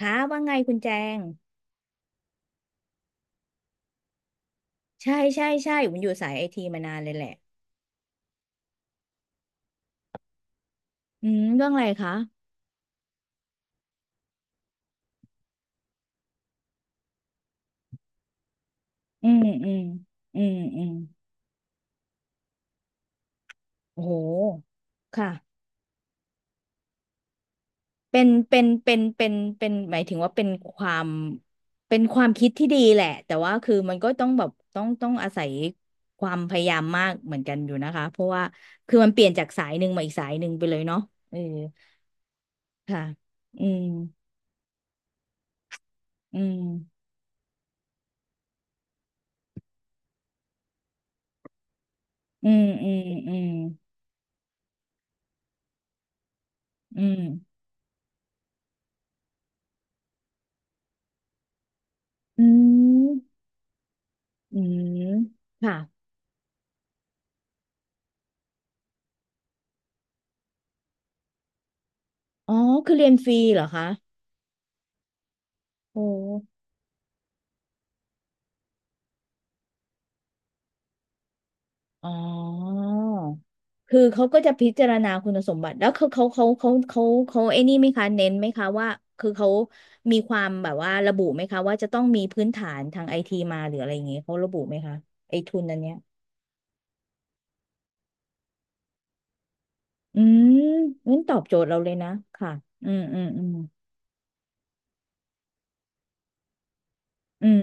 ฮะว่าไงคุณแจงใช่ใช่ใช่ผมอยู่สายไอทีมานานเลยแหละอืมเรื่องอะไรคะอืมอืมอืมอืมโอ้โหค่ะเป็นเป็นเป็นเป็นเป็นหมายถึงว่าความเป็นความคิดที่ดีแหละแต่ว่าคือมันก็ต้องแบบต้องอาศัยความพยายามมากเหมือนกันอยู่นะคะเพราะว่าคือมันเปลี่ยนจากสายหนึ่งมาอีกสายหนึ่งไปเลยเนาะเออค่ะอืมอืมอืมอืมอืมอืมอืม อืมค่ะอ๋อคือเรียนฟรีเหรอคะโอ้อ๋อคือเขาก็จะพิจารณาคุณสมบัติแล้วเขาเขาเขาเขาเขาเขาไอ้นี่ไหมคะเน้นไหมคะว่าคือเขามีความแบบว่าระบุไหมคะว่าจะต้องมีพื้นฐานทางไอทีมาหรืออะไรอย่างเงี้ยเขาระบุไหมคะไอทุนอันเนี้ยอืมงั้นตอบโจทย์เราเลยนะค่ะอืมอืมอืมอืม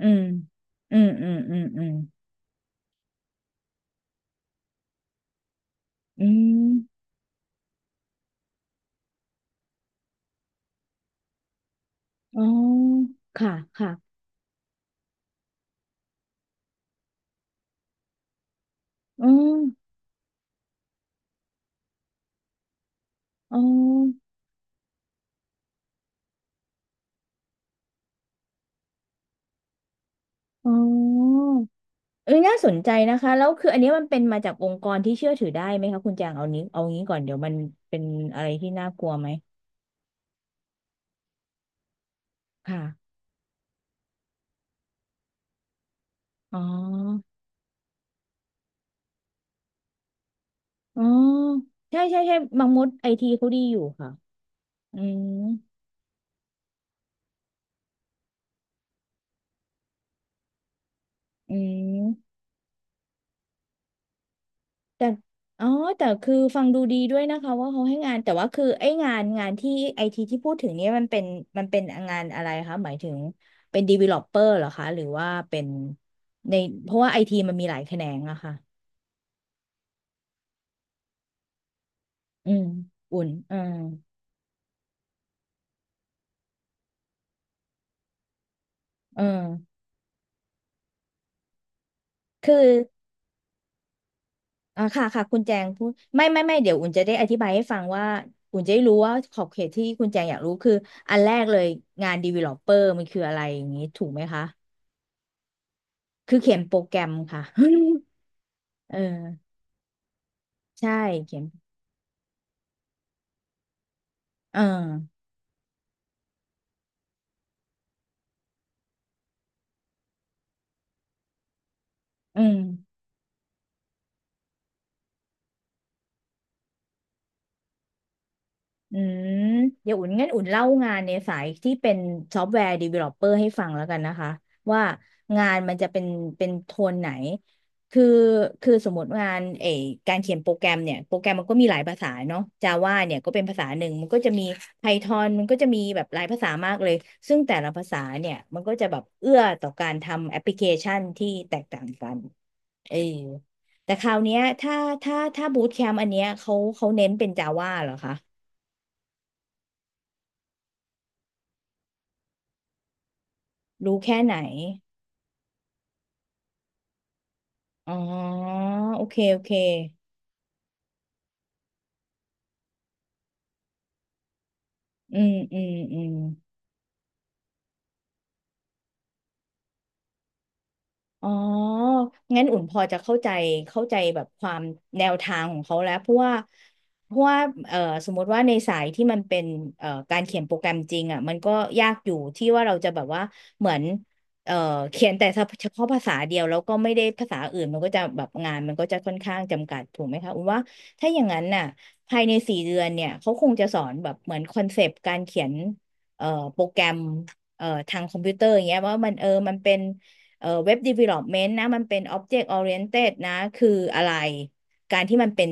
อืมอืมอืมอืมอืมอืมอ๋อค่ะค่ะอ๋ออ๋อ อ๋อเอ้ยน่าสนใจนะคะแล้วคืออันนี้มันเป็นมาจากองค์กรที่เชื่อถือได้ไหมคะคุณจางเอานี้เอางี้ก่อนเดี๋ยวมันเป็นอะไรที่น่ากลัวไหมค่ะอ๋ออ๋อใช่ใช่ใช่บางมดไอทีเขาดีอยู่ค่ะอืมอืมแต่อ๋อแต่คือฟังดูดีด้วยนะคะว่าเขาให้งานแต่ว่าคือไองานงานที่ไอทีที่พูดถึงเนี้ยมันเป็นมันเป็นงานอะไรคะหมายถึงเป็น developer เหรอคะหรือว่าเป็นในเพราะว่าไอทีมันมีหลายแขนงอะค่ะ อืมอุ่นเออเออคืออ่าค่ะค่ะคุณแจงพูดไม่ไม่ไม่เดี๋ยวอุ่นจะได้อธิบายให้ฟังว่าอุ่นจะได้รู้ว่าขอบเขตที่คุณแจงอยากรู้คืออันแรกเลยงานดว d ลโอปเปอาร์มันคืออะไรอย่างนี้ถูกไหมคะคือเขียนโปรแกรมค่ะ เออใช่เขียนเอออืม อืมเดี๋ยวอุ่นงั้นอุ่นเล่างานในสายที่เป็นซอฟต์แวร์ดีเวลลอปเปอร์ให้ฟังแล้วกันนะคะว่างานมันจะเป็นเป็นโทนไหนคือคือสมมติงานเออการเขียนโปรแกรมเนี่ยโปรแกรมมันก็มีหลายภาษาเนาะ Java เนี่ยก็เป็นภาษาหนึ่งมันก็จะมี Python มันก็จะมีแบบหลายภาษามากเลยซึ่งแต่ละภาษาเนี่ยมันก็จะแบบเอื้อต่อการทำแอปพลิเคชันที่แตกต่างกันเออแต่คราวเนี้ยถ้าบูตแคมป์อันเนี้ยเขาเขาเน้นเป็น Java เหรอคะ รู้แค่ไหนอ๋อโอเค โอเค อืม อืม อืม อ๋องั้นอุ่นพอจะเข้าใจเข้าใจแบบความแนวทางของเขาแล้วเพราะว่าเพราะว่าเอ่อสมมติว่าในสายที่มันเป็นการเขียนโปรแกรมจริงอ่ะมันก็ยากอยู่ที่ว่าเราจะแบบว่าเหมือนเอ่อเขียนแต่เฉพาะภาษาเดียวแล้วก็ไม่ได้ภาษาอื่นมันก็จะแบบงานมันก็จะค่อนข้างจำกัดถูกไหมคะอุ่นว่าถ้าอย่างนั้นน่ะภายในสี่เดือนเนี่ยเขาคงจะสอนแบบเหมือนคอนเซปต์การเขียนเอ่อโปรแกรมทางคอมพิวเตอร์อย่างเงี้ยว่ามันเออมันเป็น เว็บดีเวล็อปเมนต์นะมันเป็น Object Oriented นะคืออะไรการที่มันเป็น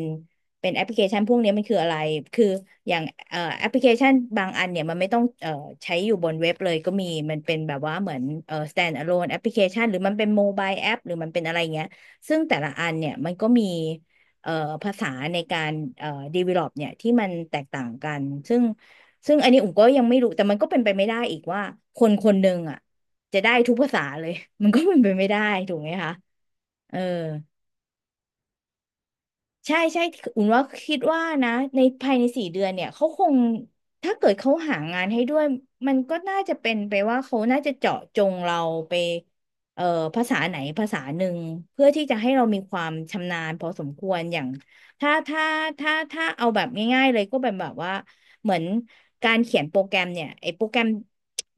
เป็นแอปพลิเคชันพวกนี้มันคืออะไรคืออย่างแอปพลิเคชันบางอันเนี่ยมันไม่ต้องใช้อยู่บนเว็บเลยก็มีมันเป็นแบบว่าเหมือนstand alone แอปพลิเคชันหรือมันเป็นโมบายแอปหรือมันเป็นอะไรเงี้ยซึ่งแต่ละอันเนี่ยมันก็มีเอ่อภาษาในการเอ่อ develop เนี่ยที่มันแตกต่างกันซึ่งซึ่งอันนี้อุ๋มก็ยังไม่รู้แต่มันก็เป็นไปไม่ได้อีกว่าคนคนหนึ่งอ่ะ จะได้ทุกภาษาเลย มันก็เป็นไปไม่ได้ถูกไหมคะเออใช่ใช่อุ่นว่าคิดว่านะในภายในสี่เดือนเนี่ยเขาคงถ้าเกิดเขาหางานให้ด้วย มันก็น่าจะเป็นไปว่าเขาน่าจะเจาะจงเราไปเอ่อภาษาไหนภาษาหนึ่งเพื่อที่จะให้เรามีความชำนาญพอสมควรอย่างถ้าเอาแบบง่ายๆเลยก็เป็นแบบว่าเหมือนการเขียนโปรแกรมเนี่ยไอ้โปรแกรม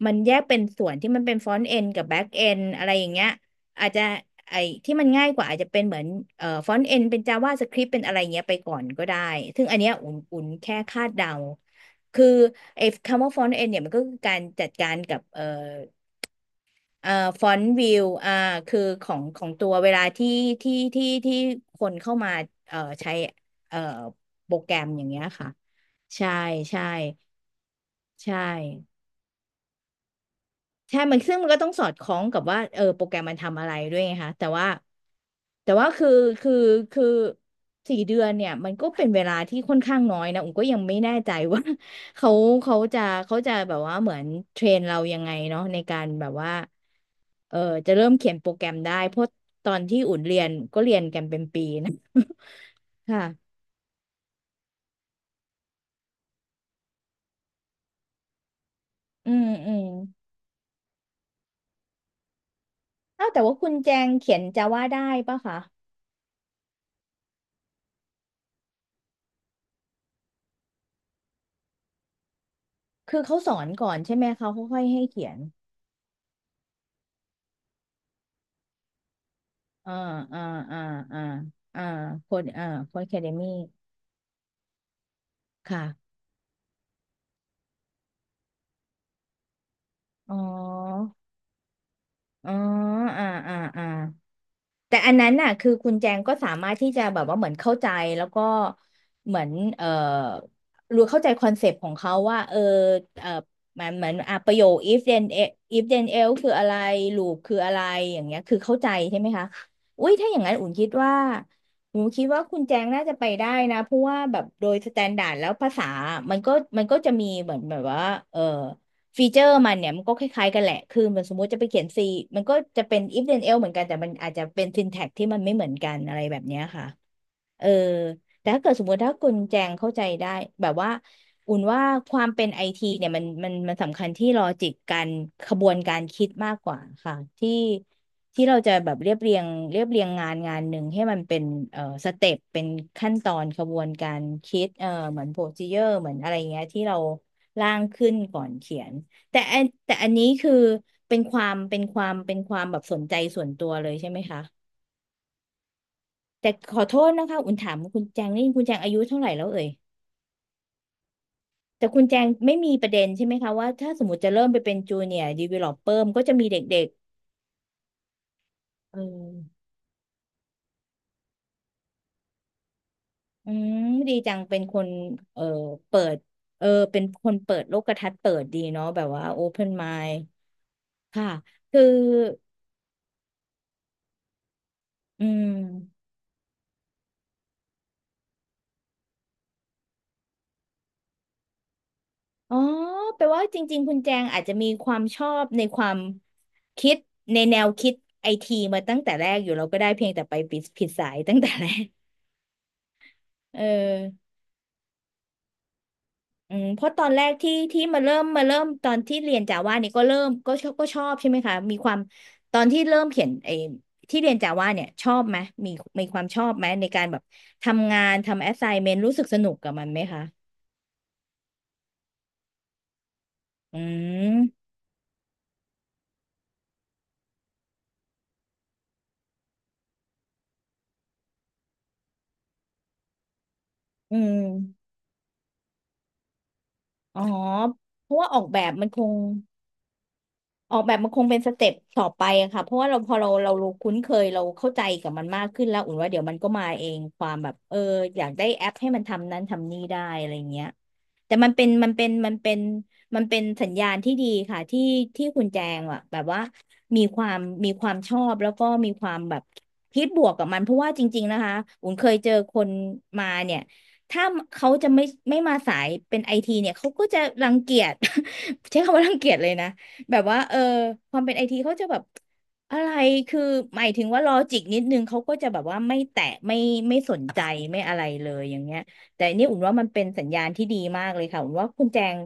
มันแยกเป็นส่วนที่มันเป็นฟรอนต์เอนกับแบ็กเอนอะไรอย่างเงี้ย อาจจะไอ้ที่มันง่ายกว่าอาจจะเป็นเหมือนฟอนต์เอ็นเป็น JavaScript เป็นอะไรเงี้ยไปก่อนก็ได้ซึ่งอันเนี้ยอุ่นแค่คาดเดาคือไอ้คำว่าฟอนต์เอ็นเนี่ยมันก็คือการจัดการกับเอ่อฟอนต์วิวคือของตัวเวลาที่คนเข้ามาใช้เอ่อโปรแกรมอย่างเงี้ยค่ะใช่ใช่ใช่ ใช่มันซึ่งมันก็ต้องสอดคล้องกับว่าเออโปรแกรมมันทำอะไรด้วยไงคะแต่ว่าแต่ว่าคือคือคือสี่เดือนเนี่ยมันก็เป็นเวลาที่ค่อนข้างน้อยนะอุ๋มก็ยังไม่แน่ใจว่า เขาเขาจะเขาจะแบบว่าเหมือนเทรนเรายังไงเนาะในการแบบว่าเออจะเริ่มเขียนโปรแกรมได้เพราะตอนที่อุ่นเรียนก็เรียนกันเป็นปีนะ ค่ะ อืมอืมเอ้าแต่ว่าคุณแจงเขียนจาว่าได้ปะคะคือเขาสอนก่อนใช่ไหมเขาค่อยๆให้เขียน อ่าอ่าอ่าอ่าอ่าโคนโคนแคเดมี่ค่ะอ๋ออ๋ออ่า แต่อันนั้นน่ะคือคุณแจงก็สามารถที่จะแบบว่าเหมือนเข้าใจแล้วก็เหมือนเอ่อรู้เข้าใจคอนเซปต์ของเขาว่าเออเอ่อมันเหมือนอ่ะประโยค if then else คืออะไร loop คืออะไรอย่างเงี้ยคือเข้าใจใช่ไหมคะอุ้ยถ้าอย่างนั้นอุ่นคิดว่าคุณแจงน่าจะไปได้นะเพราะว่าแบบโดยสแตนดาร์ดแล้วภาษามันก็มันก็จะมีเหมือนแบบว่าเออ ฟีเจอร์มันเนี่ยมันก็คล้ายๆกันแหละ คือมันสมมุติจะไปเขียน C มันก็จะเป็น if then else เหมือนกัน แต่มันอาจจะเป็น syntax ที่มันไม่เหมือนกันอะไรแบบเนี้ยค่ะ เออแต่ถ้าเกิดสมมติถ้าคุณแจงเข้าใจได้แบบว่าอุ่นว่าความเป็นไอทีเนี่ยมันสำคัญที่ลอจิกการขบวนการคิดมากกว่าค่ะที่เราจะแบบเรียบเรียงงานหนึ่งให้มันเป็นสเต็ปเป็นขั้นตอนขบวนการคิดเหมือนโปรซีเจอร์เหมือนอะไรเงี้ยที่เราร่างขึ้นก่อนเขียนแต่อันนี้คือเป็นความแบบสนใจส่วนตัวเลยใช่ไหมคะ แต่ขอโทษนะคะอุ่นถามคุณแจงนี่คุณแจงอายุเท่าไหร่แล้วเอ่ยแต่คุณแจงไม่มีประเด็นใช่ไหมคะว่าถ้าสมมติจะเริ่มไปเป็นจูเนียร์ดีเวลลอปเปอร์ก็จะมีเด็กๆเอออืมดีจังเป็นคนเออเปิดเออเป็นคนเปิดโลกทัศน์เปิดดีเนาะแบบว่าโอเพนไมด์ค่ะคืออืมอ๋อแปลว่าจริงๆคุณแจงอาจจะมีความชอบในความคิดในแนวคิดไอทีมาตั้งแต่แรกอยู่แล้วก็ได้เพียงแต่ไปผิดสายตั้งแต่แรกเออ อืมเพราะตอนแรกที่มาเริ่มตอนที่เรียนจาว่าเนี่ยก็เริ่มก็ชอบใช่ไหมคะมีความตอนที่เริ่มเขียนไอ้ที่เรียนจาว่าเนี่ยชอบไหมมีมีความชอบไหมในการแบบทำงานทำแอส i ซเมนต์รู้สึกสนุกกับมันไหมคะอืมอืมอ๋อเพราะว่าออกแบบมันคง ออกแบบมันคงเป็นสเต็ปต่อไปอะค่ะเพราะว่าเราพอเรารู้คุ้นเคยเราเข้าใจกับมันมากขึ้นแล้วอุ่นว่าเดี๋ยวมันก็มาเองความแบบเอออยากได้แอปให้มันทำนั้นทำนี่ได้อะไรเงี้ยแต่มันเป็นสัญญาณที่ดีค่ะที่คุณแจงอะแบบว่ามีความมีความชอบแล้วก็มีความแบบคิดบวกกับมันเพราะว่าจริงๆนะคะอุ่นเคยเจอคนมาเนี่ยถ้าเขาจะไม่มาสายเป็นไอทีเนี่ยเขาก็จะรังเกียจ ใช้คำว่ารังเกียจเลยนะ แบบว่าเออความเป็นไอทีเขาจะแบบอะไรคือหมายถึงว่าลอจิกนิดนึงเขาก็จะแบบว่าไม่แตะไม่สนใจไม่อะไรเลยอย่างเงี้ยแต่อันนี่อุ่นว่ามันเป็นสัญญาณที่ดีมากเลยค่ะอุ่นว่าคุณแจง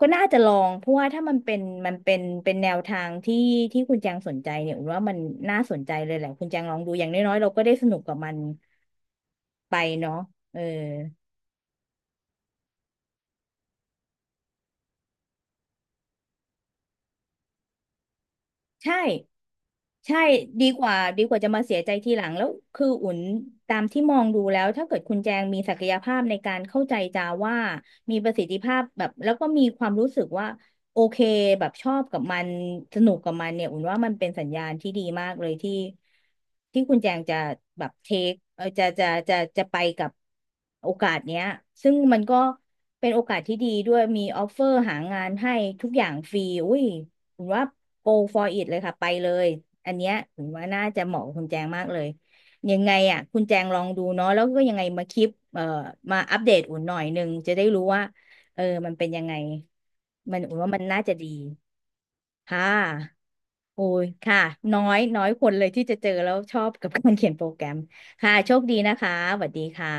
ก็น่าจะลองเพราะว่าถ้ามันเป็นเป็นแนวทางที่คุณแจงสนใจเนี่ยอุ่นว่ามันน่าสนใจเลยแหละคุณแจงลองดูอย่างน้อยๆเราก็ได้สนุกกับมันไปเนาะเออ ใช่ใช่ดีกว่าจะมาเสียใจทีหลังแล้วคืออุ่นตามที่มองดูแล้วถ้าเกิดคุณแจงมีศักยภาพในการเข้าใจจาว่ามีประสิทธิภาพแบบแล้วก็มีความรู้สึกว่าโอเคแบบชอบกับมันสนุกกับมันเนี่ยอุ่นว่ามันเป็นสัญญาณที่ดีมากเลยที่คุณแจงจะแบบเทคจะไปกับโอกาสเนี้ยซึ่งมันก็เป็นโอกาสที่ดีด้วยมีออฟเฟอร์หางานให้ทุกอย่างฟรีอุ้ย ถึงว่าโก for it เลยค่ะไปเลยอันเนี้ยถึงว่าน่าจะเหมาะกับคุณแจงมากเลยยังไงอ่ะคุณแจงลองดูเนาะแล้วก็ยังไงมาคลิปมาอัปเดตอุ่นหน่อยหนึ่งจะได้รู้ว่าเออมันเป็นยังไงมันอุ่นว่ามันน่าจะดีค่ะโอ้ยค่ะน้อยน้อยคนเลยที่จะเจอแล้วชอบกับการเขียนโปรแกรมค่ะโชคดีนะคะสวัสดีค่ะ